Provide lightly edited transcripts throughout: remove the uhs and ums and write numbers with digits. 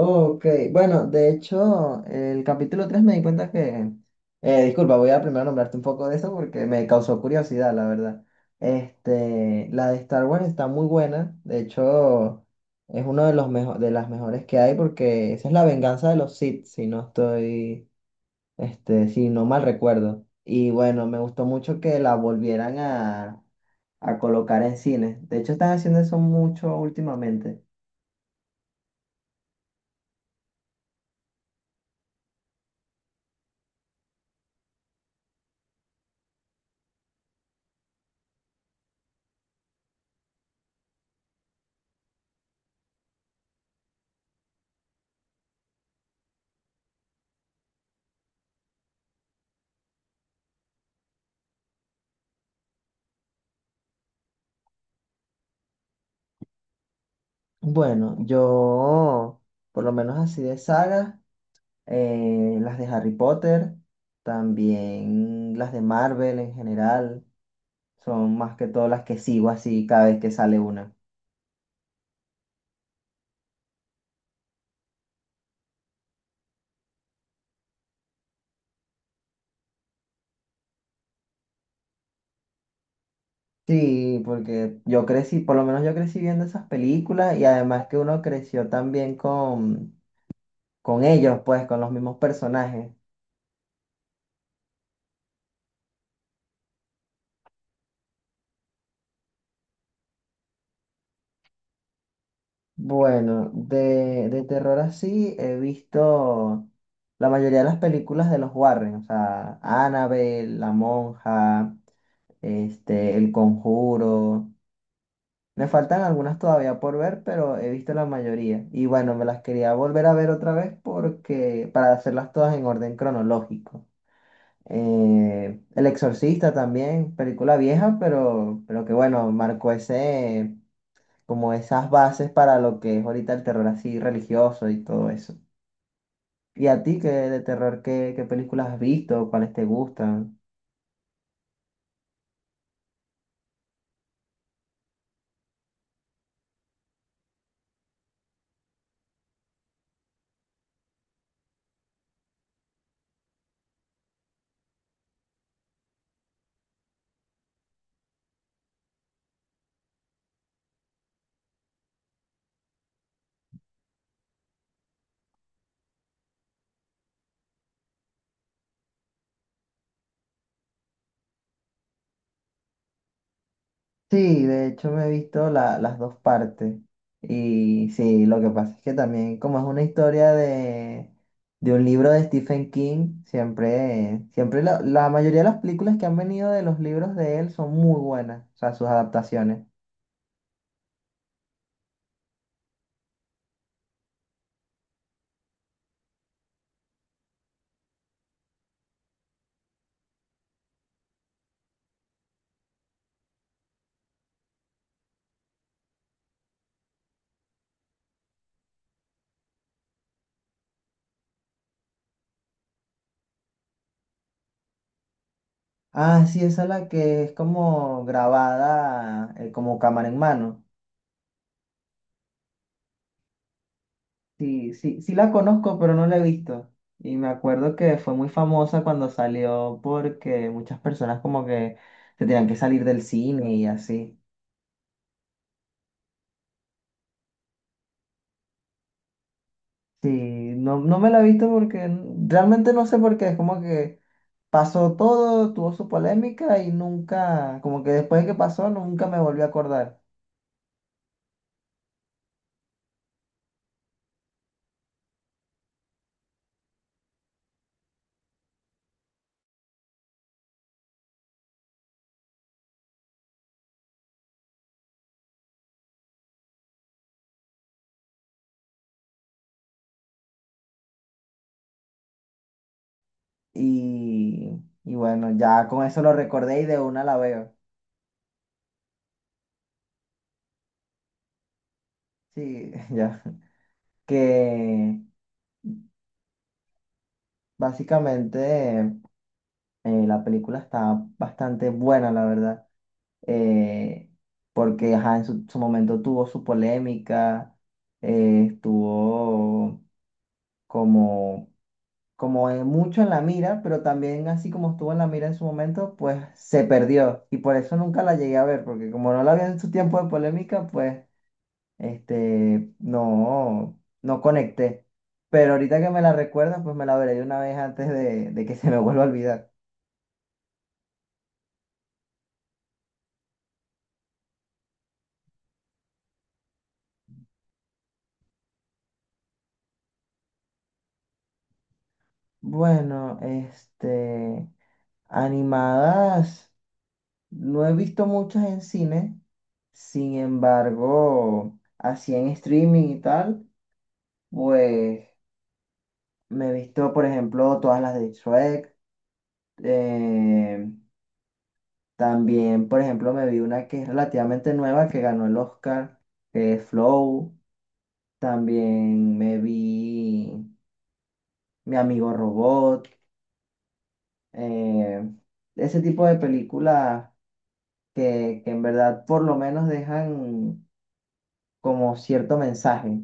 Ok, bueno, de hecho, el capítulo 3 me di cuenta que... disculpa, voy a primero nombrarte un poco de eso porque me causó curiosidad, la verdad. Este, la de Star Wars está muy buena, de hecho, es uno de de las mejores que hay porque esa es la venganza de los Sith, si no estoy, este, si no mal recuerdo. Y bueno, me gustó mucho que la volvieran a colocar en cines. De hecho, están haciendo eso mucho últimamente. Bueno, yo, por lo menos así de sagas, las de Harry Potter, también las de Marvel en general, son más que todo las que sigo así cada vez que sale una. Sí, porque yo crecí, por lo menos yo crecí viendo esas películas y además que uno creció también con ellos, pues, con los mismos personajes. Bueno, de terror así he visto la mayoría de las películas de los Warren, o sea, Annabelle, La Monja, este, El Conjuro. Me faltan algunas todavía por ver, pero he visto la mayoría. Y bueno, me las quería volver a ver otra vez porque para hacerlas todas en orden cronológico. El Exorcista también, película vieja, pero que bueno, marcó ese como esas bases para lo que es ahorita el terror así religioso y todo eso. ¿Y a ti qué de terror, qué, qué películas has visto? ¿Cuáles te gustan? Sí, de hecho me he visto las dos partes. Y sí, lo que pasa es que también como es una historia de un libro de Stephen King, siempre, siempre la mayoría de las películas que han venido de los libros de él son muy buenas, o sea, sus adaptaciones. Ah, sí, esa es la que es como grabada, como cámara en mano. Sí, sí, sí la conozco, pero no la he visto. Y me acuerdo que fue muy famosa cuando salió porque muchas personas como que se tenían que salir del cine y así. Sí, no, no me la he visto porque realmente no sé por qué. Es como que pasó todo, tuvo su polémica y nunca, como que después de que pasó, nunca me volví a acordar. Y, y bueno, ya con eso lo recordé y de una la veo. Sí, ya. Que básicamente... la película está bastante buena, la verdad, eh, porque ajá, en su momento tuvo su polémica, estuvo como, mucho en la mira, pero también así como estuvo en la mira en su momento, pues se perdió y por eso nunca la llegué a ver, porque como no la vi en su tiempo de polémica, pues este, no, no conecté. Pero ahorita que me la recuerdas, pues me la veré de una vez antes de que se me vuelva a olvidar. Bueno, este, animadas, no he visto muchas en cine, sin embargo, así en streaming y tal, pues me he visto, por ejemplo, todas las de Shrek, eh, también, por ejemplo, me vi una que es relativamente nueva, que ganó el Oscar, que es Flow, también me vi Mi Amigo Robot, eh, ese tipo de películas que en verdad por lo menos dejan como cierto mensaje.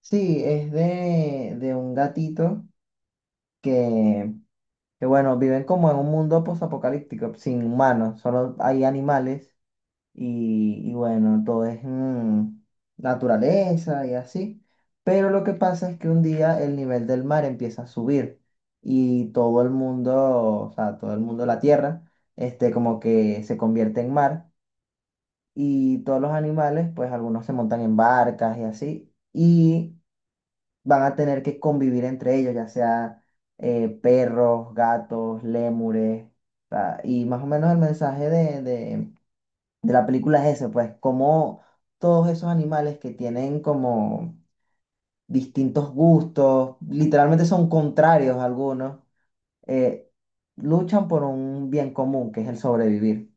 Sí, es de un gatito que, que, bueno, viven como en un mundo posapocalíptico, sin humanos, solo hay animales y bueno, todo es naturaleza y así. Pero lo que pasa es que un día el nivel del mar empieza a subir y todo el mundo, o sea, todo el mundo, la tierra, este, como que se convierte en mar y todos los animales, pues algunos se montan en barcas y así, y van a tener que convivir entre ellos, ya sea perros, gatos, lémures, o sea, y más o menos el mensaje de la película es ese, pues como todos esos animales que tienen como distintos gustos, literalmente son contrarios algunos, eh, luchan por un bien común, que es el sobrevivir.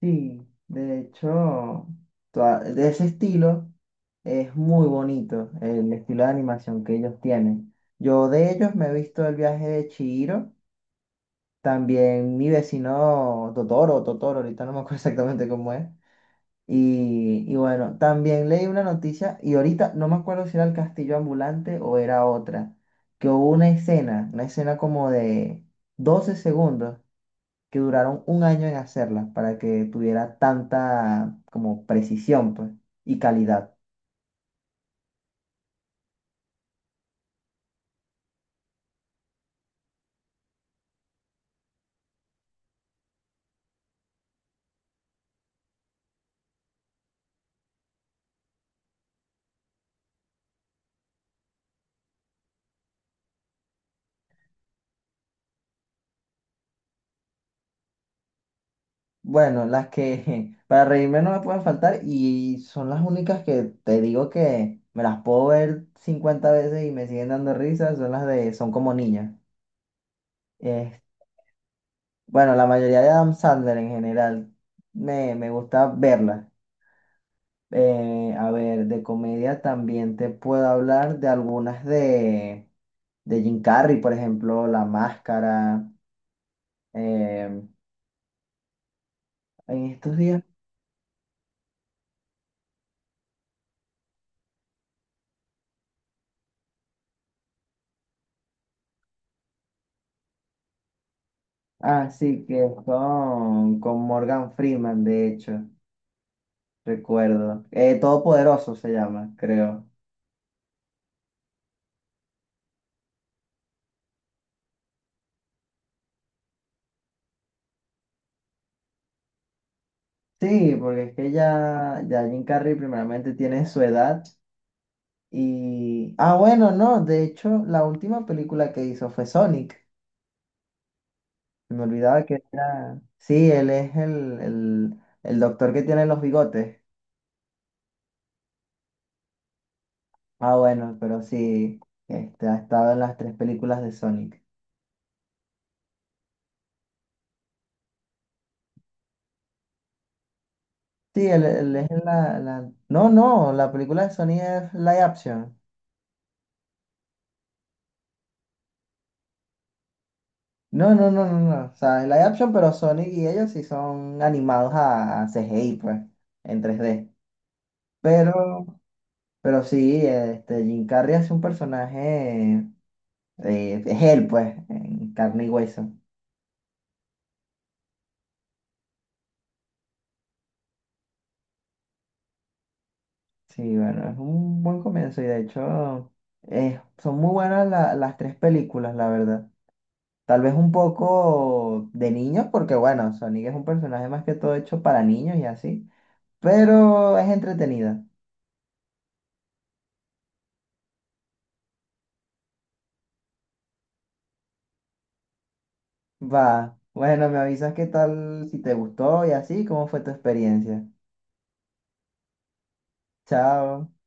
Sí, de hecho, de ese estilo es muy bonito el estilo de animación que ellos tienen. Yo de ellos me he visto el viaje de Chihiro, también mi vecino Totoro, Totoro, ahorita no me acuerdo exactamente cómo es. Y bueno, también leí una noticia y ahorita no me acuerdo si era el castillo ambulante o era otra, que hubo una escena como de 12 segundos que duraron un año en hacerlas para que tuviera tanta como precisión, pues, y calidad. Bueno, las que para reírme no me pueden faltar y son las únicas que te digo que me las puedo ver 50 veces y me siguen dando risas, son las de Son como niñas. Eh, bueno, la mayoría de Adam Sandler en general me gusta verlas. A ver, de comedia también te puedo hablar de algunas de Jim Carrey, por ejemplo, La Máscara. Eh, en estos días. Ah, sí, que es con Morgan Freeman, de hecho, recuerdo. Todopoderoso se llama, creo. Sí, porque es que ya Jim Carrey primeramente tiene su edad y... Ah, bueno, no, de hecho, la última película que hizo fue Sonic. Me olvidaba que era... Sí, él es el doctor que tiene los bigotes. Ah, bueno, pero sí, este, ha estado en las tres películas de Sonic. Sí, el es la... No, no, la película de Sony es live action. No, no, no, no, no. O sea, es live action, pero Sony y ellos sí son animados a CGI, pues, en 3D. Pero, pero sí, este, Jim Carrey es un personaje, es él, pues, en carne y hueso. Sí, bueno, es un buen comienzo y de hecho son muy buenas las tres películas, la verdad. Tal vez un poco de niños, porque bueno, Sonic es un personaje más que todo hecho para niños y así, pero es entretenida. Va, bueno, me avisas qué tal, si te gustó y así, cómo fue tu experiencia. Chao.